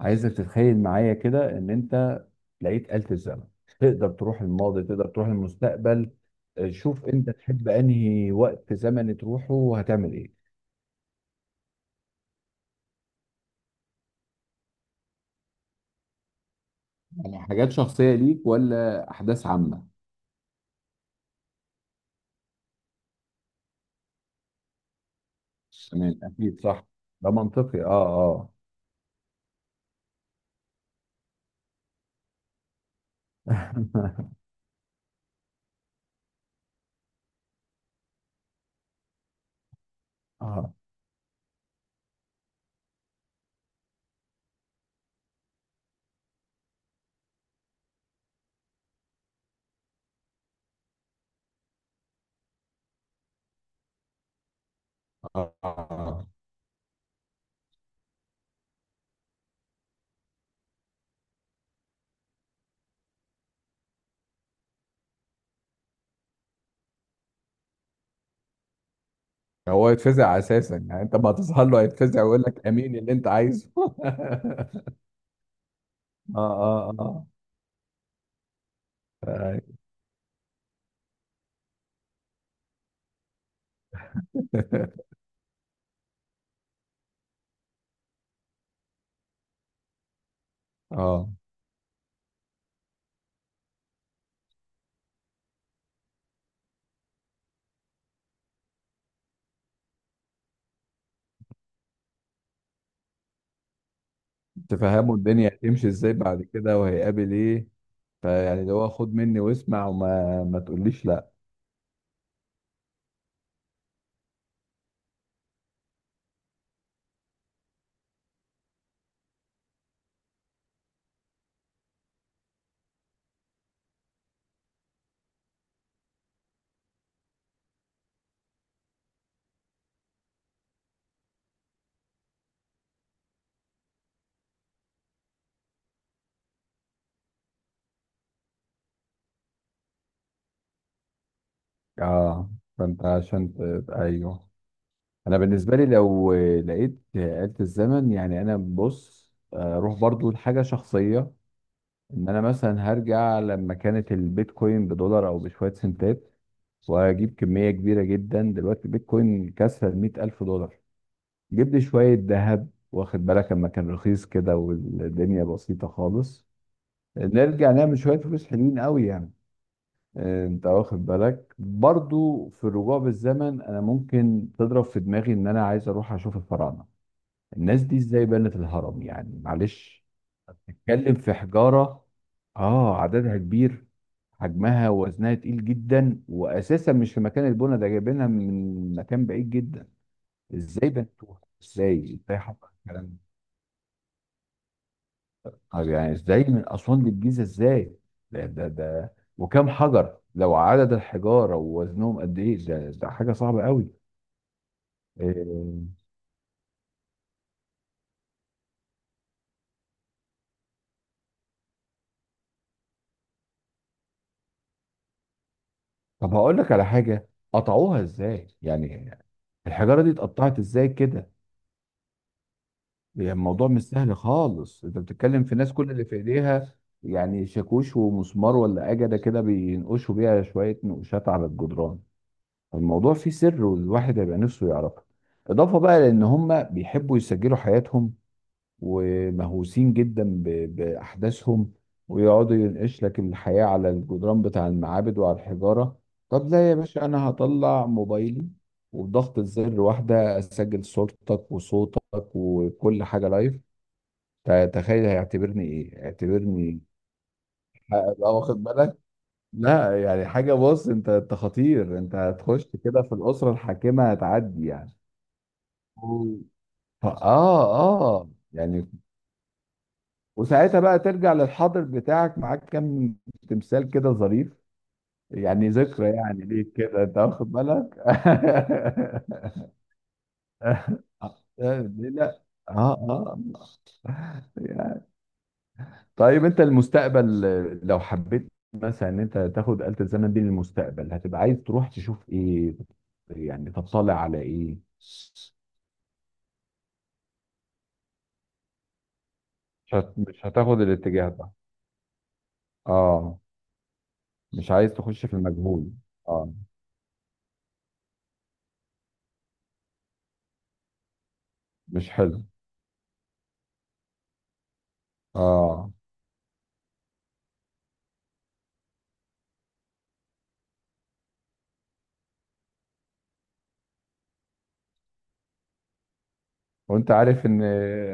عايزك تتخيل معايا كده ان انت لقيت آلة الزمن. تقدر تروح الماضي، تقدر تروح المستقبل. شوف انت تحب انهي وقت زمني تروحه وهتعمل ايه؟ يعني حاجات شخصية ليك ولا أحداث عامة؟ تمام، اكيد صح. ده منطقي. اه. اه اه. آه. آه. هو يتفزع أساسا، يعني أنت ما هتظهر له هيتفزع ويقول لك أمين اللي أنت عايزه اه اه اه. آه تفهموا الدنيا هتمشي ازاي بعد كده وهيقابل ايه. فيعني اللي هو خد مني واسمع وما ما تقوليش لا. اه. فانت عشان ايوه. انا بالنسبه لي لو لقيت آلة الزمن، يعني انا بص، اروح برضو لحاجه شخصيه. ان انا مثلا هرجع لما كانت البيتكوين بدولار او بشويه سنتات، واجيب كميه كبيره جدا. دلوقتي البيتكوين كسر ال 100,000 دولار. جيب لي شويه ذهب، واخد بالك لما كان رخيص كده والدنيا بسيطه خالص. نرجع نعمل شوية فلوس حلوين قوي يعني. انت واخد بالك برضو في الرجوع بالزمن، انا ممكن تضرب في دماغي ان انا عايز اروح اشوف الفراعنة. الناس دي ازاي بنت الهرم؟ يعني معلش، اتكلم في حجارة. اه، عددها كبير، حجمها ووزنها تقيل جدا، واساسا مش في مكان البنا ده، جايبينها من مكان بعيد جدا. ازاي بنتوها؟ ازاي حصل الكلام ده؟ آه، يعني ازاي من اسوان للجيزه؟ ازاي؟ ده وكم حجر؟ لو عدد الحجاره ووزنهم قد ايه، ده حاجه صعبه قوي. إيه، طب هقول لك على حاجه. قطعوها ازاي يعني؟ الحجاره دي اتقطعت ازاي كده؟ يعني الموضوع مش سهل خالص. انت بتتكلم في ناس كل اللي في ايديها يعني شاكوش ومسمار، ولا اجده كده بينقشوا بيها شويه نقوشات على الجدران. الموضوع فيه سر، والواحد هيبقى نفسه يعرفه. اضافه بقى لان هم بيحبوا يسجلوا حياتهم، ومهووسين جدا بأحداثهم، ويقعدوا ينقش لك الحياة على الجدران بتاع المعابد وعلى الحجارة. طب لا يا باشا، أنا هطلع موبايلي وبضغط الزر واحدة، أسجل صورتك وصوتك وكل حاجة لايف. تخيل هيعتبرني إيه؟ اعتبرني بقى، واخد بالك؟ لا يعني حاجة، بص أنت، أنت خطير، أنت هتخش كده في الأسرة الحاكمة، هتعدي يعني. مم. ف- آه آه يعني. وساعتها بقى ترجع للحاضر بتاعك معاك كام تمثال كده ظريف، يعني ذكرى يعني ليك كده، انت واخد بالك. ليه لا؟ اه اه. طيب انت المستقبل، لو حبيت مثلا ان انت تاخد آلة الزمن دي للمستقبل، هتبقى عايز تروح تشوف ايه؟ يعني تطلع على ايه؟ مش هتاخد الاتجاه ده؟ اه. مش عايز تخش في المجهول؟ اه. مش حلو. اه. وانت عارف ان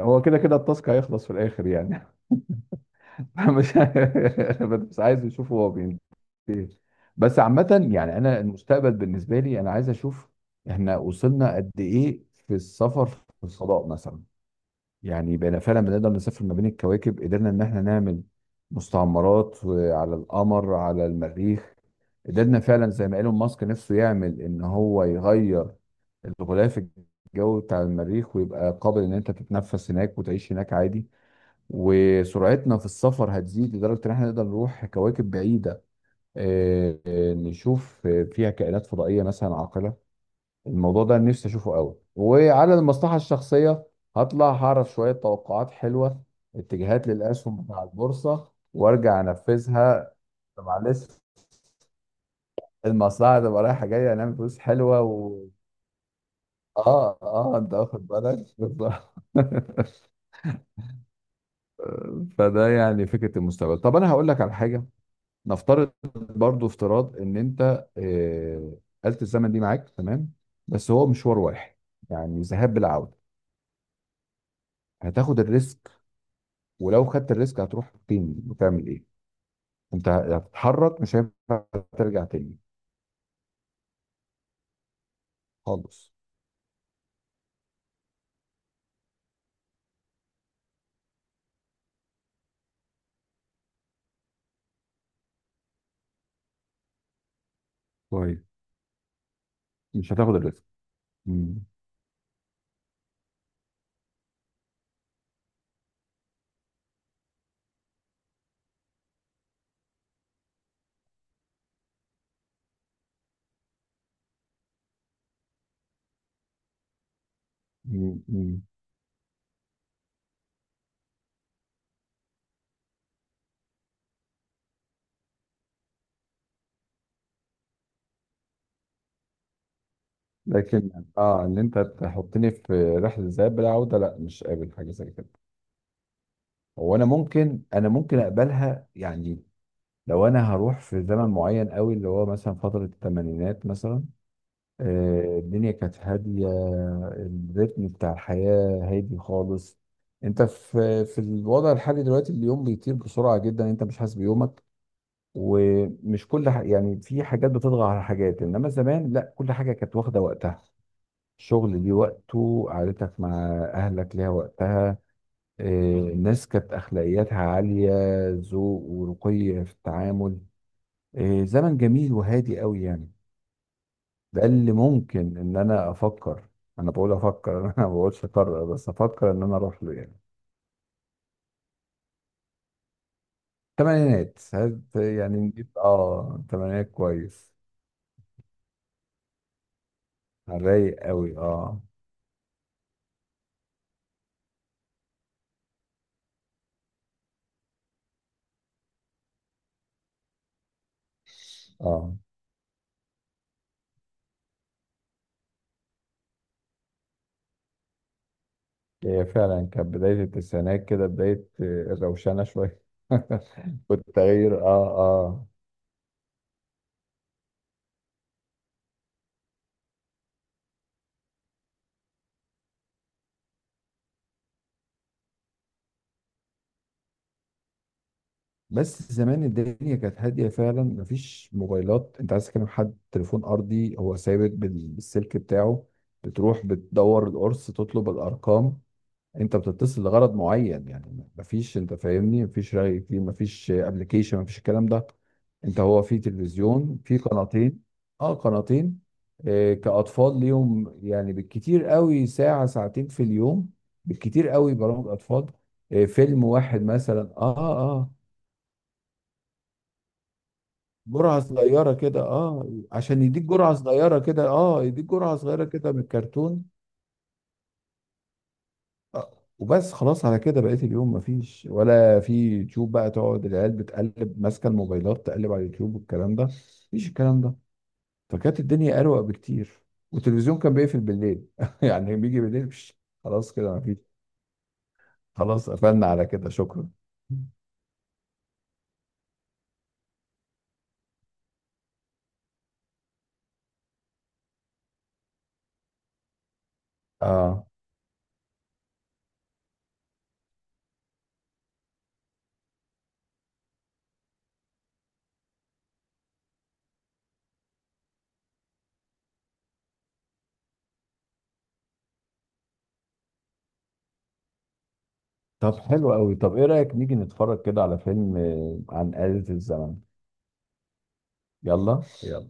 هو كده كده التاسك هيخلص في الاخر يعني مش، بس عايز اشوفه هو بينتهي إيه. بس عامة يعني انا المستقبل بالنسبة لي انا عايز اشوف احنا وصلنا قد ايه في السفر في الفضاء مثلا. يعني بقينا فعلا بنقدر نسافر ما بين الكواكب؟ قدرنا ان احنا نعمل مستعمرات على القمر، على المريخ؟ قدرنا فعلا زي ما ايلون ماسك نفسه يعمل ان هو يغير الغلاف الجوي بتاع المريخ ويبقى قابل ان انت تتنفس هناك وتعيش هناك عادي. وسرعتنا في السفر هتزيد لدرجة ان احنا نقدر نروح كواكب بعيدة، نشوف فيها كائنات فضائية مثلا عاقلة. الموضوع ده نفسي اشوفه قوي. وعلى المصلحة الشخصية، هطلع هعرف شوية توقعات حلوة، اتجاهات للأسهم بتاع البورصة، وارجع انفذها. طب معلش، المصلحة تبقى رايحة جاية، هنعمل فلوس حلوة و... اه اه، انت واخد بالك بالظبط فده يعني فكرة المستقبل. طب انا هقول لك على حاجة، نفترض برضو افتراض ان انت، آلة الزمن دي معاك تمام، بس هو مشوار واحد، يعني ذهاب بالعودة. هتاخد الريسك؟ ولو خدت الريسك هتروح فين وتعمل ايه؟ انت هتتحرك مش هينفع ترجع تاني خالص. كويس، مش هتاخد الريسك. مم. مم. مم. لكن اه ان انت تحطني في رحلة الذهاب بالعودة، لا مش قابل حاجة زي كده. هو انا ممكن، انا ممكن اقبلها يعني، لو انا هروح في زمن معين قوي اللي هو مثلا فترة الثمانينات مثلا. الدنيا كانت هادية، الريتم بتاع الحياة هادي خالص. انت في الوضع الحالي دلوقتي اليوم بيطير بسرعة جدا، انت مش حاسس بيومك ومش كل يعني في حاجات بتطغى على حاجات، انما زمان لا، كل حاجة كانت واخدة وقتها. الشغل ليه وقته، قعدتك مع اهلك ليها وقتها. الناس كانت اخلاقياتها عالية، ذوق ورقي في التعامل. إيه، زمن جميل وهادي قوي يعني. ده اللي ممكن ان انا افكر، انا بقول افكر انا ما بقولش اقرر بس افكر ان انا اروح له يعني. تمانينات، هاد يعني نجيب اه تمانينات كويس، على الرايق قوي اه اه. هي فعلا كانت بداية التسعينات كده بداية، الروشنة شوية والتغيير اه اه. بس زمان الدنيا كانت هادية فعلا، مفيش موبايلات. انت عايز تكلم حد، تليفون ارضي هو ثابت بالسلك بتاعه، بتروح بتدور القرص تطلب الارقام. انت بتتصل لغرض معين، يعني مفيش، انت فاهمني، مفيش رأي كتير، مفيش ابلكيشن، مفيش الكلام ده. انت هو في تلفزيون في قناتين. اه قناتين. آه كأطفال ليهم يعني بالكتير قوي ساعة ساعتين في اليوم، بالكتير قوي برامج اطفال، آه فيلم واحد مثلا اه اه. جرعة صغيرة كده، اه عشان يديك جرعة صغيرة كده، اه يديك جرعة صغيرة كده من الكرتون. آه. وبس خلاص على كده. بقيت اليوم مفيش، ولا في يوتيوب بقى تقعد العيال بتقلب ماسكة الموبايلات، تقلب على اليوتيوب والكلام ده. مفيش الكلام ده. فكانت الدنيا أروق بكتير. والتلفزيون كان بيقفل بالليل يعني بيجي بالليل بش، خلاص كده مفيش. خلاص قفلنا على كده شكرا. اه. طب حلو قوي، طب ايه رأيك نيجي نتفرج كده على فيلم، عن آلة الزمن؟ يلا.